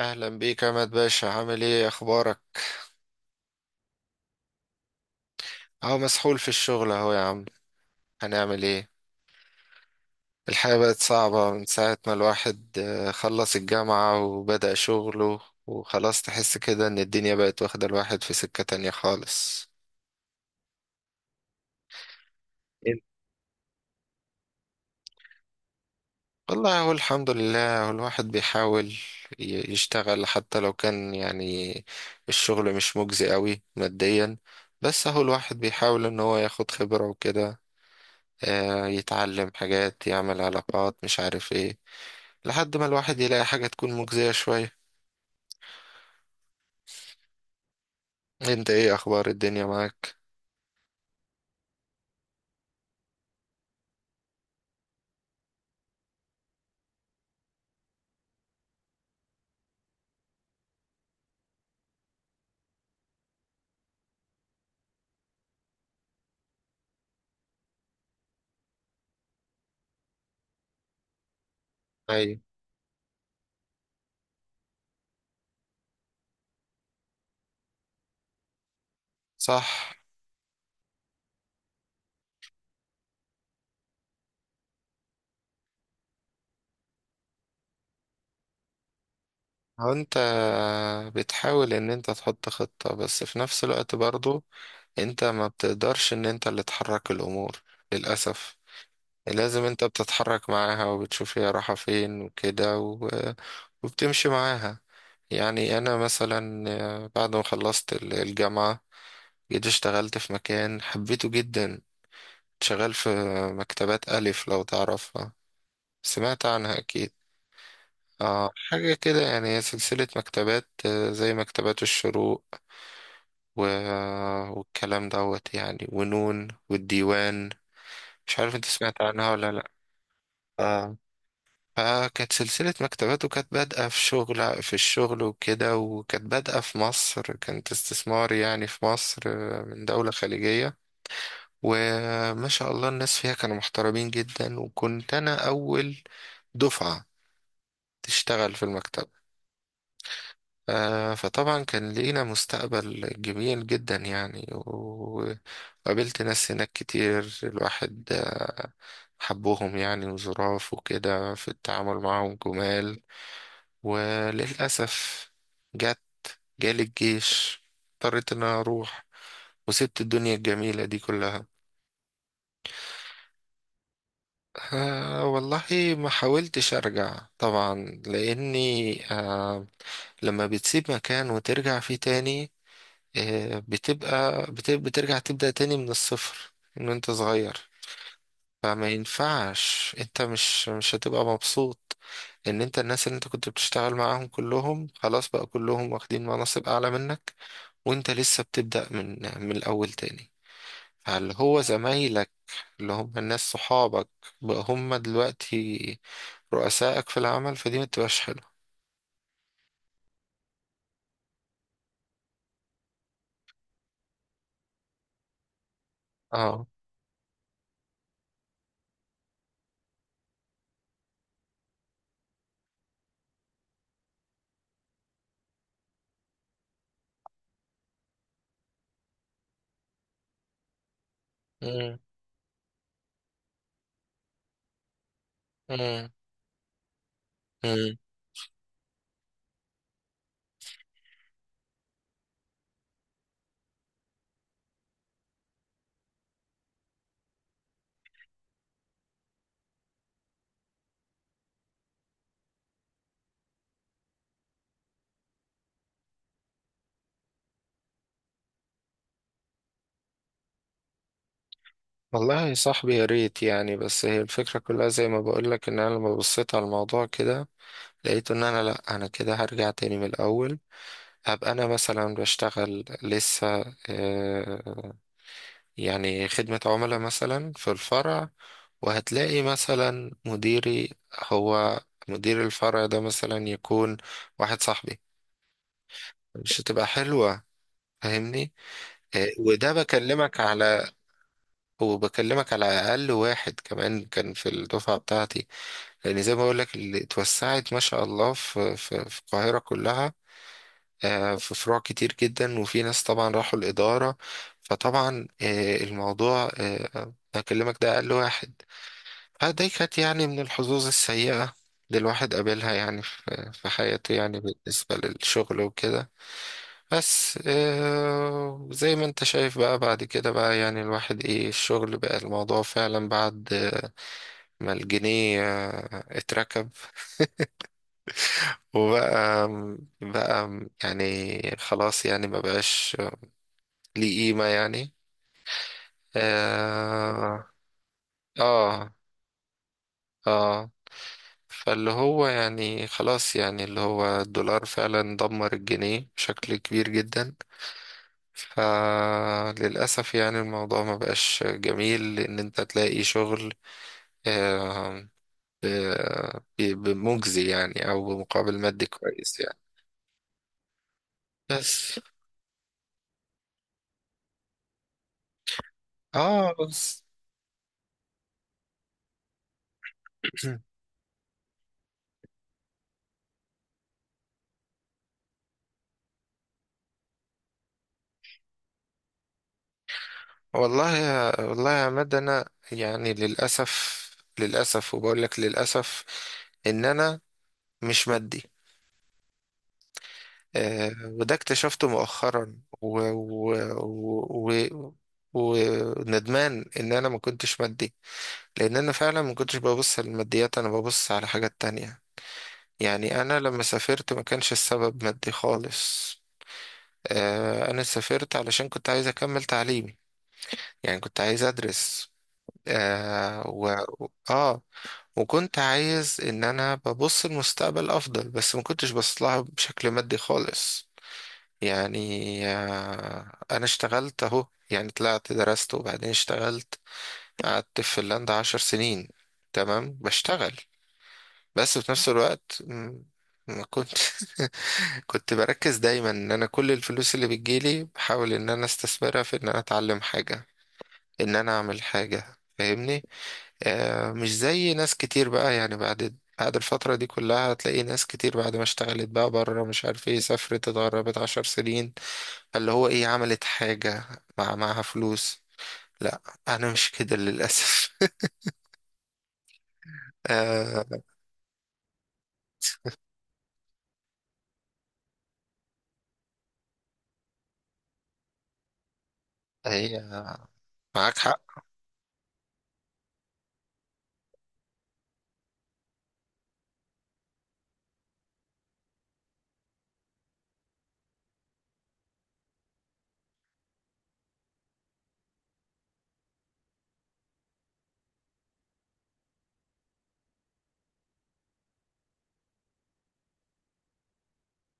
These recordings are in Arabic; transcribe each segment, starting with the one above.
اهلا بيك يا عماد باشا، عامل ايه؟ اخبارك؟ اهو مسحول في الشغل اهو يا عم. هنعمل ايه؟ الحياة بقت صعبة من ساعة ما الواحد خلص الجامعة وبدأ شغله. وخلاص تحس كده ان الدنيا بقت واخدة الواحد في سكة تانية خالص. إيه- والله هو الحمد لله، هو الواحد بيحاول يشتغل حتى لو كان يعني الشغل مش مجزي قوي ماديا. بس هو الواحد بيحاول ان هو ياخد خبرة وكده، يتعلم حاجات، يعمل علاقات، مش عارف ايه، لحد ما الواحد يلاقي حاجة تكون مجزية شوية. انت ايه اخبار الدنيا معاك؟ ايوه. صح. هو انت بتحاول ان انت تحط خطة، بس في نفس الوقت برضو انت ما بتقدرش ان انت اللي تحرك الامور، للأسف. لازم انت بتتحرك معاها وبتشوف هي رايحة فين وكده، وبتمشي معاها. يعني انا مثلا بعد ما خلصت الجامعة جيت اشتغلت في مكان حبيته جدا. شغال في مكتبات ألف، لو تعرفها، سمعت عنها أكيد. آه، حاجة كده يعني، هي سلسلة مكتبات، زي مكتبات الشروق و... والكلام دوت يعني، ونون والديوان. مش عارف انت سمعت عنها ولا لأ. آه. فكانت سلسلة مكتبات، وكانت بادئة في الشغل وكده، وكانت بادئة في مصر، كانت استثمار يعني في مصر من دولة خليجية. وما شاء الله الناس فيها كانوا محترمين جدا، وكنت أنا أول دفعة تشتغل في المكتب. فطبعا كان لينا مستقبل جميل جدا يعني، وقابلت ناس هناك كتير، الواحد حبهم يعني، وظراف وكده في التعامل، معهم جمال. وللأسف جت، جالي الجيش، اضطريت ان انا اروح، وسبت الدنيا الجميلة دي كلها. آه والله، ما حاولتش أرجع طبعا، لأني آه، لما بتسيب مكان وترجع فيه تاني، آه، بترجع تبدأ تاني من الصفر. إن أنت صغير. فما ينفعش، أنت مش هتبقى مبسوط إن أنت الناس اللي أنت كنت بتشتغل معاهم كلهم خلاص بقى كلهم واخدين مناصب أعلى منك، وأنت لسه بتبدأ من الأول تاني. فاللي هو زمايلك، اللي هم الناس صحابك، بقى هم دلوقتي رؤسائك في العمل، فدي ما تبقاش حلوة. اه. مم. مم. مم. والله يا صاحبي، يا ريت يعني. بس هي الفكرة كلها زي ما بقولك، ان انا لما بصيت على الموضوع كده لقيت ان انا، لا، انا كده هرجع تاني من الاول. هبقى انا مثلا بشتغل لسه آه، يعني خدمة عملاء مثلا في الفرع، وهتلاقي مثلا مديري، هو مدير الفرع ده مثلا يكون واحد صاحبي. مش هتبقى حلوة، فاهمني. وده بكلمك على، وبكلمك على اقل واحد كمان كان في الدفعه بتاعتي، لان زي ما بقول لك اللي اتوسعت ما شاء الله في القاهره كلها، في فروع كتير جدا، وفي ناس طبعا راحوا الاداره. فطبعا الموضوع بكلمك ده اقل واحد. فدي كانت يعني من الحظوظ السيئه اللي الواحد قابلها يعني في حياته، يعني بالنسبه للشغل وكده. بس زي ما انت شايف بقى، بعد كده بقى يعني الواحد ايه الشغل بقى، الموضوع فعلا بعد ما الجنيه اتركب، وبقى يعني خلاص يعني ما بقاش ليه قيمة يعني. اه. اه. آه. فاللي هو يعني خلاص، يعني اللي هو الدولار فعلا دمر الجنيه بشكل كبير جدا. فللأسف يعني الموضوع ما بقاش جميل، لأن أنت تلاقي شغل آه، ب- ب- بمجزي يعني، او بمقابل مادي كويس يعني. بس. اه. بس. والله يا، والله يا عماد، انا يعني للاسف، للاسف، وبقول لك للاسف ان انا مش مادي. آه. وده اكتشفته مؤخرا، و و و و وندمان ان انا ما كنتش مادي، لان انا فعلا ما كنتش ببص للماديات، انا ببص على حاجات تانية. يعني أنا لما سافرت ما كانش السبب مادي خالص. أنا سافرت علشان كنت عايز أكمل تعليمي، يعني كنت عايز أدرس آه و... آه، وكنت عايز إن أنا ببص المستقبل أفضل، بس ما كنتش بص لها بشكل مادي خالص يعني. آه، أنا اشتغلت أهو يعني، طلعت درست، وبعدين اشتغلت. قعدت في فنلندا 10 سنين تمام بشتغل. بس في نفس الوقت، مم، ما كنت كنت بركز دايما ان انا كل الفلوس اللي بتجيلي بحاول ان انا استثمرها في ان انا اتعلم حاجة، ان انا اعمل حاجة، فاهمني. آه، مش زي ناس كتير بقى يعني، بعد الفترة دي كلها هتلاقي ناس كتير بعد ما اشتغلت بقى بره مش عارف ايه، سافرت اتغربت 10 سنين، اللي هو ايه، عملت حاجة مع معاها فلوس. لا، انا مش كده للأسف. آه. هي معاك حق.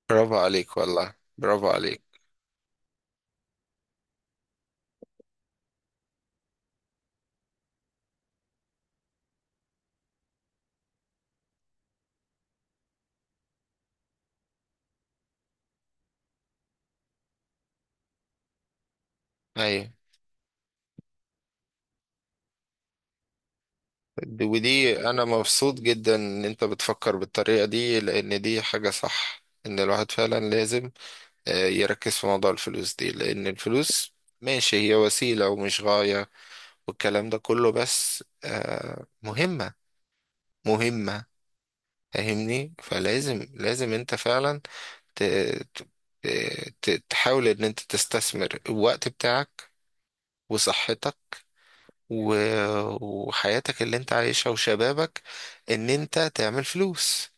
برافو عليك والله، برافو عليك. ايوه. دي، ودي، انا مبسوط جدا ان انت بتفكر بالطريقه دي، لان دي حاجه صح، ان الواحد فعلا لازم يركز في موضوع الفلوس دي، لان الفلوس ماشي هي وسيله ومش غايه، والكلام ده كله، بس مهمه، مهمه. فاهمني. فلازم، لازم انت فعلا ت- ت- تحاول ان انت تستثمر الوقت بتاعك، وصحتك، و- وحياتك اللي انت عايشها، وشبابك، ان انت تعمل فلوس،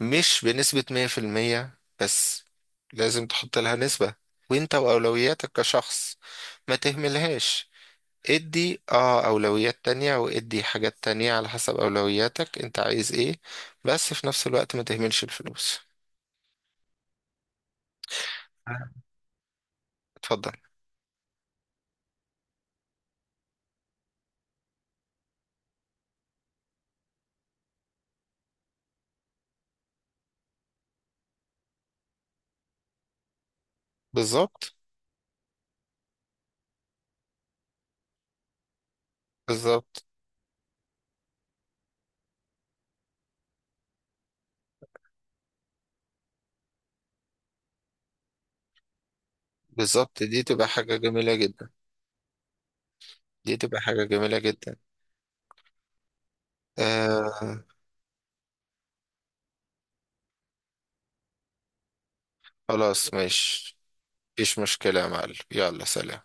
مش بنسبة 100%، بس لازم تحط لها نسبة. وانت واولوياتك كشخص ما تهملهاش. ادي اه اولويات تانية، وادي حاجات تانية على حسب اولوياتك انت عايز ايه، بس في نفس الوقت ما تهملش الفلوس. اتفضل. بالظبط. بالظبط. بالظبط، دي تبقى حاجة جميلة جدا. دي تبقى حاجة جميلة جدا. آه. خلاص ماشي، مفيش مشكلة يا معلم، يلا سلام.